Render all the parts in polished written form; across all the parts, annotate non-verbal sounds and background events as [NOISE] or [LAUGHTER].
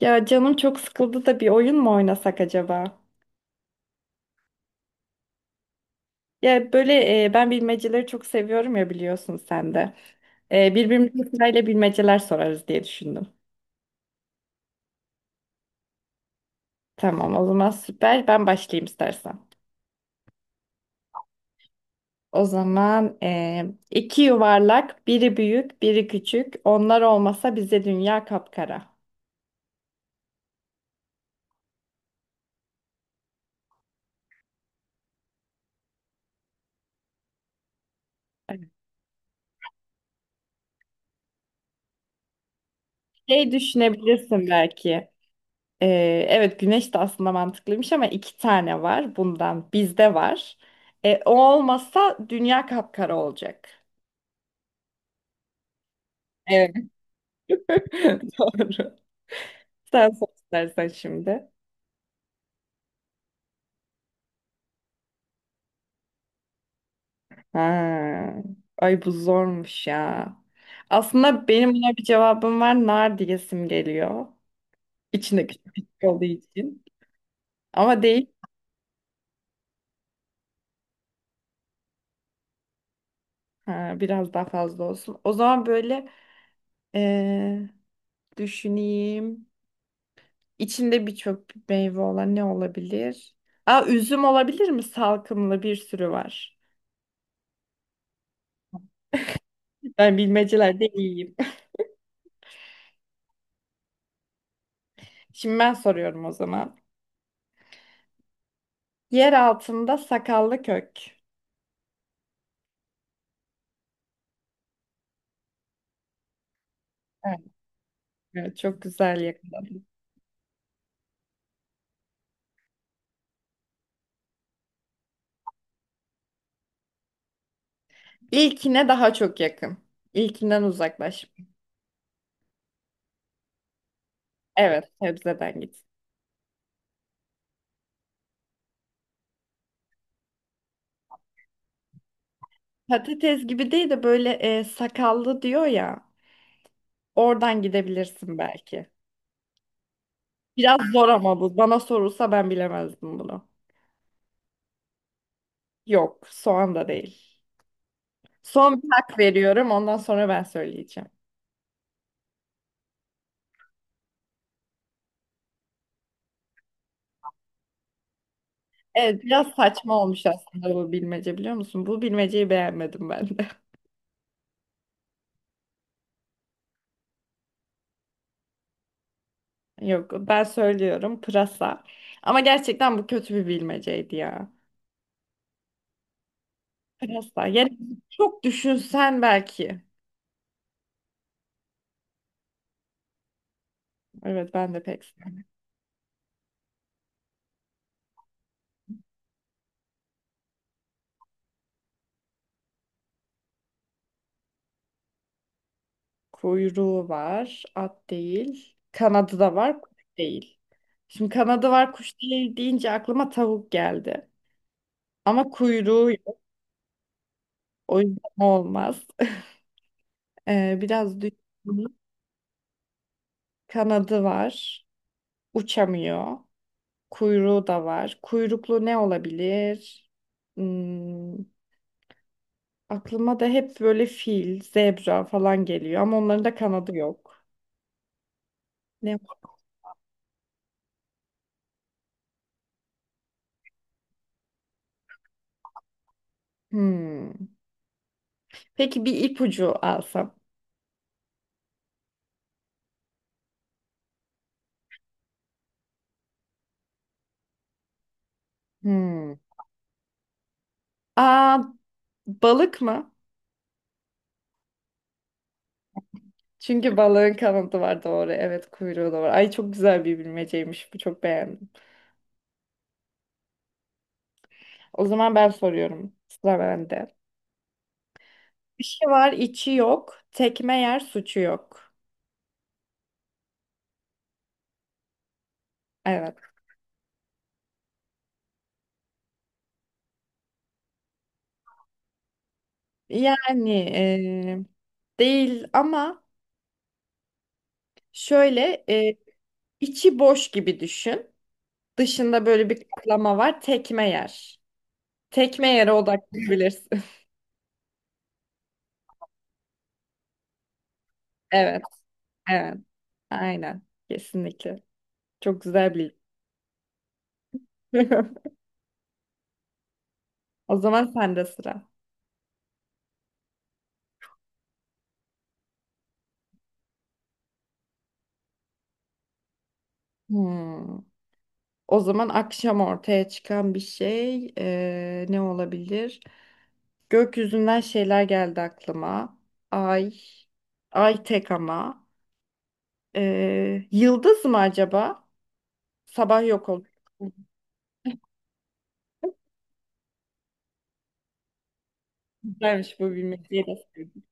Ya canım çok sıkıldı da bir oyun mu oynasak acaba? Ya böyle ben bilmeceleri çok seviyorum ya biliyorsun sen de. Birbirimize sırayla bilmeceler sorarız diye düşündüm. Tamam o zaman süper. Ben başlayayım istersen. O zaman iki yuvarlak, biri büyük, biri küçük. Onlar olmasa bize dünya kapkara. Evet. Şey düşünebilirsin belki. Evet güneş de aslında mantıklıymış ama iki tane var bundan bizde var. O olmasa dünya kapkara olacak. Evet. [LAUGHS] Doğru. Sen sor istersen şimdi. Ha. Ay bu zormuş ya. Aslında benim buna bir cevabım var. Nar diyesim geliyor. İçinde küçük küçük olduğu için. Ama değil. Ha, biraz daha fazla olsun. O zaman böyle ee, düşüneyim. İçinde birçok meyve olan ne olabilir? Aa, üzüm olabilir mi? Salkımlı bir sürü var. Ben bilmecelerde iyiyim. [LAUGHS] Şimdi ben soruyorum o zaman. Yer altında sakallı kök. Evet, evet, çok güzel yakın. İlkine daha çok yakın. İlkinden uzaklaş. Evet, sebzeden git. Patates gibi değil de böyle sakallı diyor ya. Oradan gidebilirsin belki. Biraz zor ama bu. Bana sorulsa ben bilemezdim bunu. Yok, soğan da değil. Son bir hak veriyorum. Ondan sonra ben söyleyeceğim. Evet, biraz saçma olmuş aslında bu bilmece biliyor musun? Bu bilmeceyi beğenmedim ben de. [LAUGHS] Yok, ben söylüyorum pırasa. Ama gerçekten bu kötü bir bilmeceydi ya. Pırasa. Yani çok düşünsen belki. Evet, ben de pek sevmem. Kuyruğu var, at değil. Kanadı da var, kuş değil. Şimdi kanadı var, kuş değil deyince aklıma tavuk geldi. Ama kuyruğu yok. O yüzden olmaz. [LAUGHS] Biraz düşün. Kanadı var. Uçamıyor. Kuyruğu da var. Kuyruklu ne olabilir? Hmm, aklıma da hep böyle fil, zebra falan geliyor ama onların da kanadı yok. Ne? Hmm. Peki bir ipucu alsam. Hmm. Aa, balık mı? Çünkü balığın kanadı var doğru. Evet kuyruğu da var. Ay çok güzel bir bilmeceymiş. Bu çok beğendim. O zaman ben soruyorum. Sıra bende. Dışı var, içi yok. Tekme yer, suçu yok. Evet. Yani değil ama şöyle içi boş gibi düşün. Dışında böyle bir kaplama var. Tekme yer. Tekme yere odaklanabilirsin. [LAUGHS] Evet, evet. Aynen. Kesinlikle. Çok güzel bir. [LAUGHS] O zaman sende sıra. Hmm. O zaman akşam ortaya çıkan bir şey ne olabilir? Gökyüzünden şeyler geldi aklıma. Ay. Ay tek ama. Yıldız mı acaba? Sabah yok oldu. Güzelmiş bu bilmeceyi de sevdim.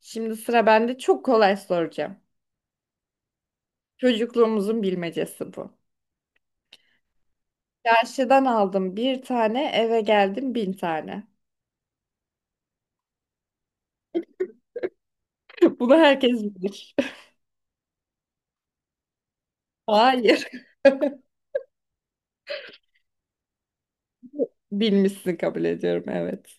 Şimdi sıra bende çok kolay soracağım. Çocukluğumuzun bilmecesi bu. Çarşıdan aldım bir tane, eve geldim bin tane. [LAUGHS] Bunu herkes bilir. [LAUGHS] Hayır. [LAUGHS] Bilmişsin kabul ediyorum, evet.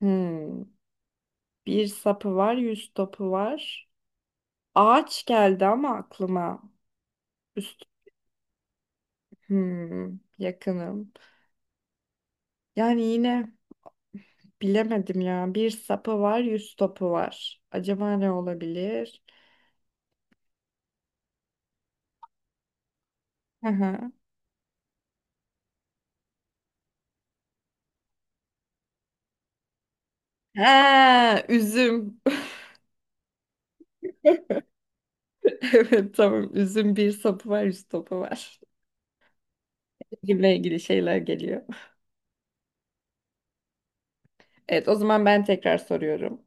Hmm. Bir sapı var, yüz topu var. Ağaç geldi ama aklıma. Üst. Hmm. Yakınım. Yani yine bilemedim ya. Bir sapı var, yüz topu var. Acaba ne olabilir? Hı hı. Ha, üzüm. [LAUGHS] Evet tamam. Üzüm bir sapı var, yüz topu var. Üzümle ilgili şeyler geliyor. Evet o zaman ben tekrar soruyorum.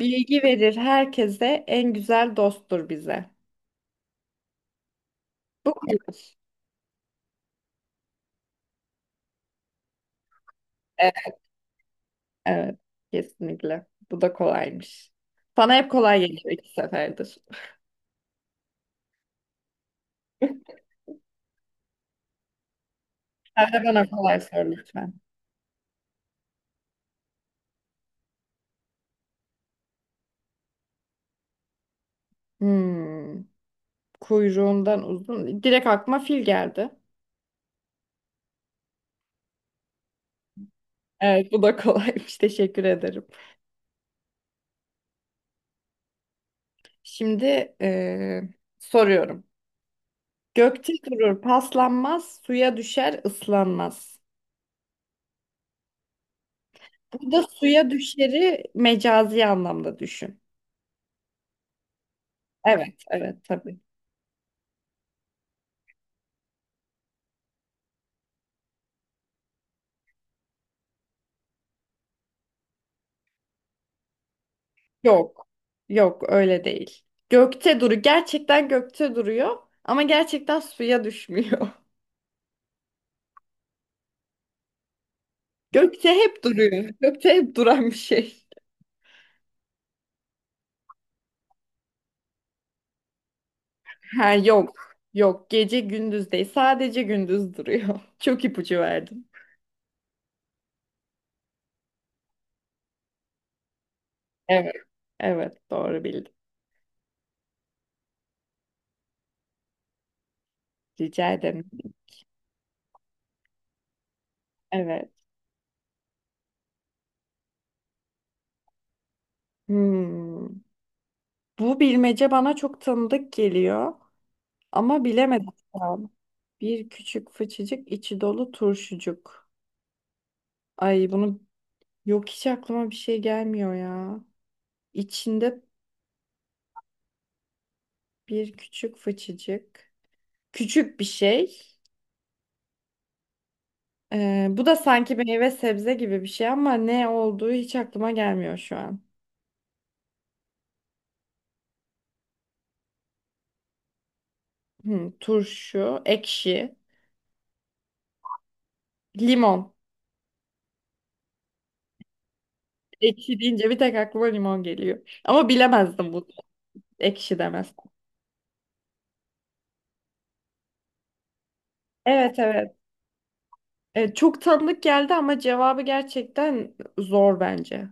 Bilgi verir herkese, en güzel dosttur bize. Bu kolay. Evet, evet kesinlikle. Bu da kolaymış. Sana hep kolay geliyor iki seferdir. [LAUGHS] Sen de bana kolay sor lütfen. Hmm. Kuyruğundan uzun. Direkt aklıma fil geldi. Evet, bu da kolaymış. [LAUGHS] Teşekkür ederim. Şimdi soruyorum. Gökte durur, paslanmaz, suya düşer, ıslanmaz. Burada suya düşeri mecazi anlamda düşün. Evet, evet tabii. Yok, yok öyle değil. Gökte duru, gerçekten gökte duruyor ama gerçekten suya düşmüyor. [LAUGHS] Gökte hep duruyor. Gökte hep duran bir şey. Ha, yok. Yok. Gece gündüz değil. Sadece gündüz duruyor. [LAUGHS] Çok ipucu verdin. Evet. Evet. Doğru bildin. Rica ederim. Evet. Hmm. Bu bilmece bana çok tanıdık geliyor. Ama bilemedim şu an. Bir küçük fıçıcık içi dolu turşucuk. Ay bunu yok hiç aklıma bir şey gelmiyor ya. İçinde bir küçük fıçıcık. Küçük bir şey. Bu da sanki meyve sebze gibi bir şey ama ne olduğu hiç aklıma gelmiyor şu an. Hı, turşu, ekşi, limon. Ekşi deyince bir tek aklıma limon geliyor. Ama bilemezdim bunu. Ekşi demez. Evet evet. Çok tanıdık geldi ama cevabı gerçekten zor bence.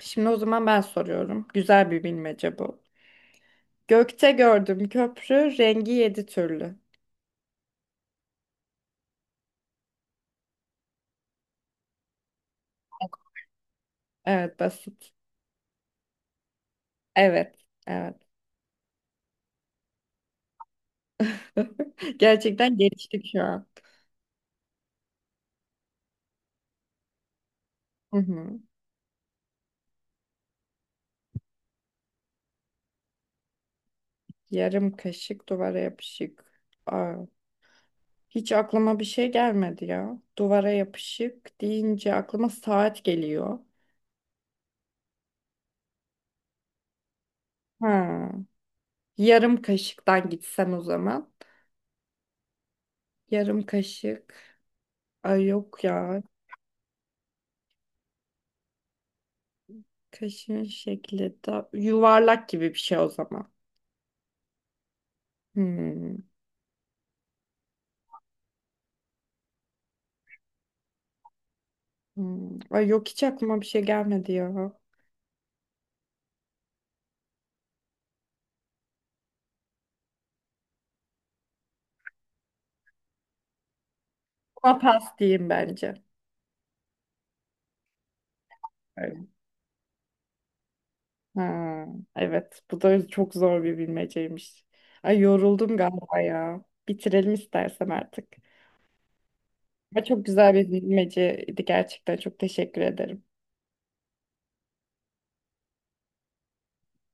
Şimdi o zaman ben soruyorum. Güzel bir bilmece bu. Gökte gördüm köprü, rengi yedi türlü. Evet basit. Evet. Evet. [LAUGHS] Gerçekten geliştik şu an. Hı hı. Yarım kaşık duvara yapışık. Aa. Hiç aklıma bir şey gelmedi ya. Duvara yapışık deyince aklıma saat geliyor. Ha, yarım kaşıktan gitsem o zaman. Yarım kaşık. Ay yok ya. Kaşığın şekli de yuvarlak gibi bir şey o zaman. Hmm, hmm. Ay yok hiç aklıma bir şey gelmedi ya. Buna pas diyeyim bence. Evet. Ha, evet bu da çok zor bir bilmeceymiş. Ay yoruldum galiba ya. Bitirelim istersen artık. Ama çok güzel bir bilmeceydi gerçekten. Çok teşekkür ederim.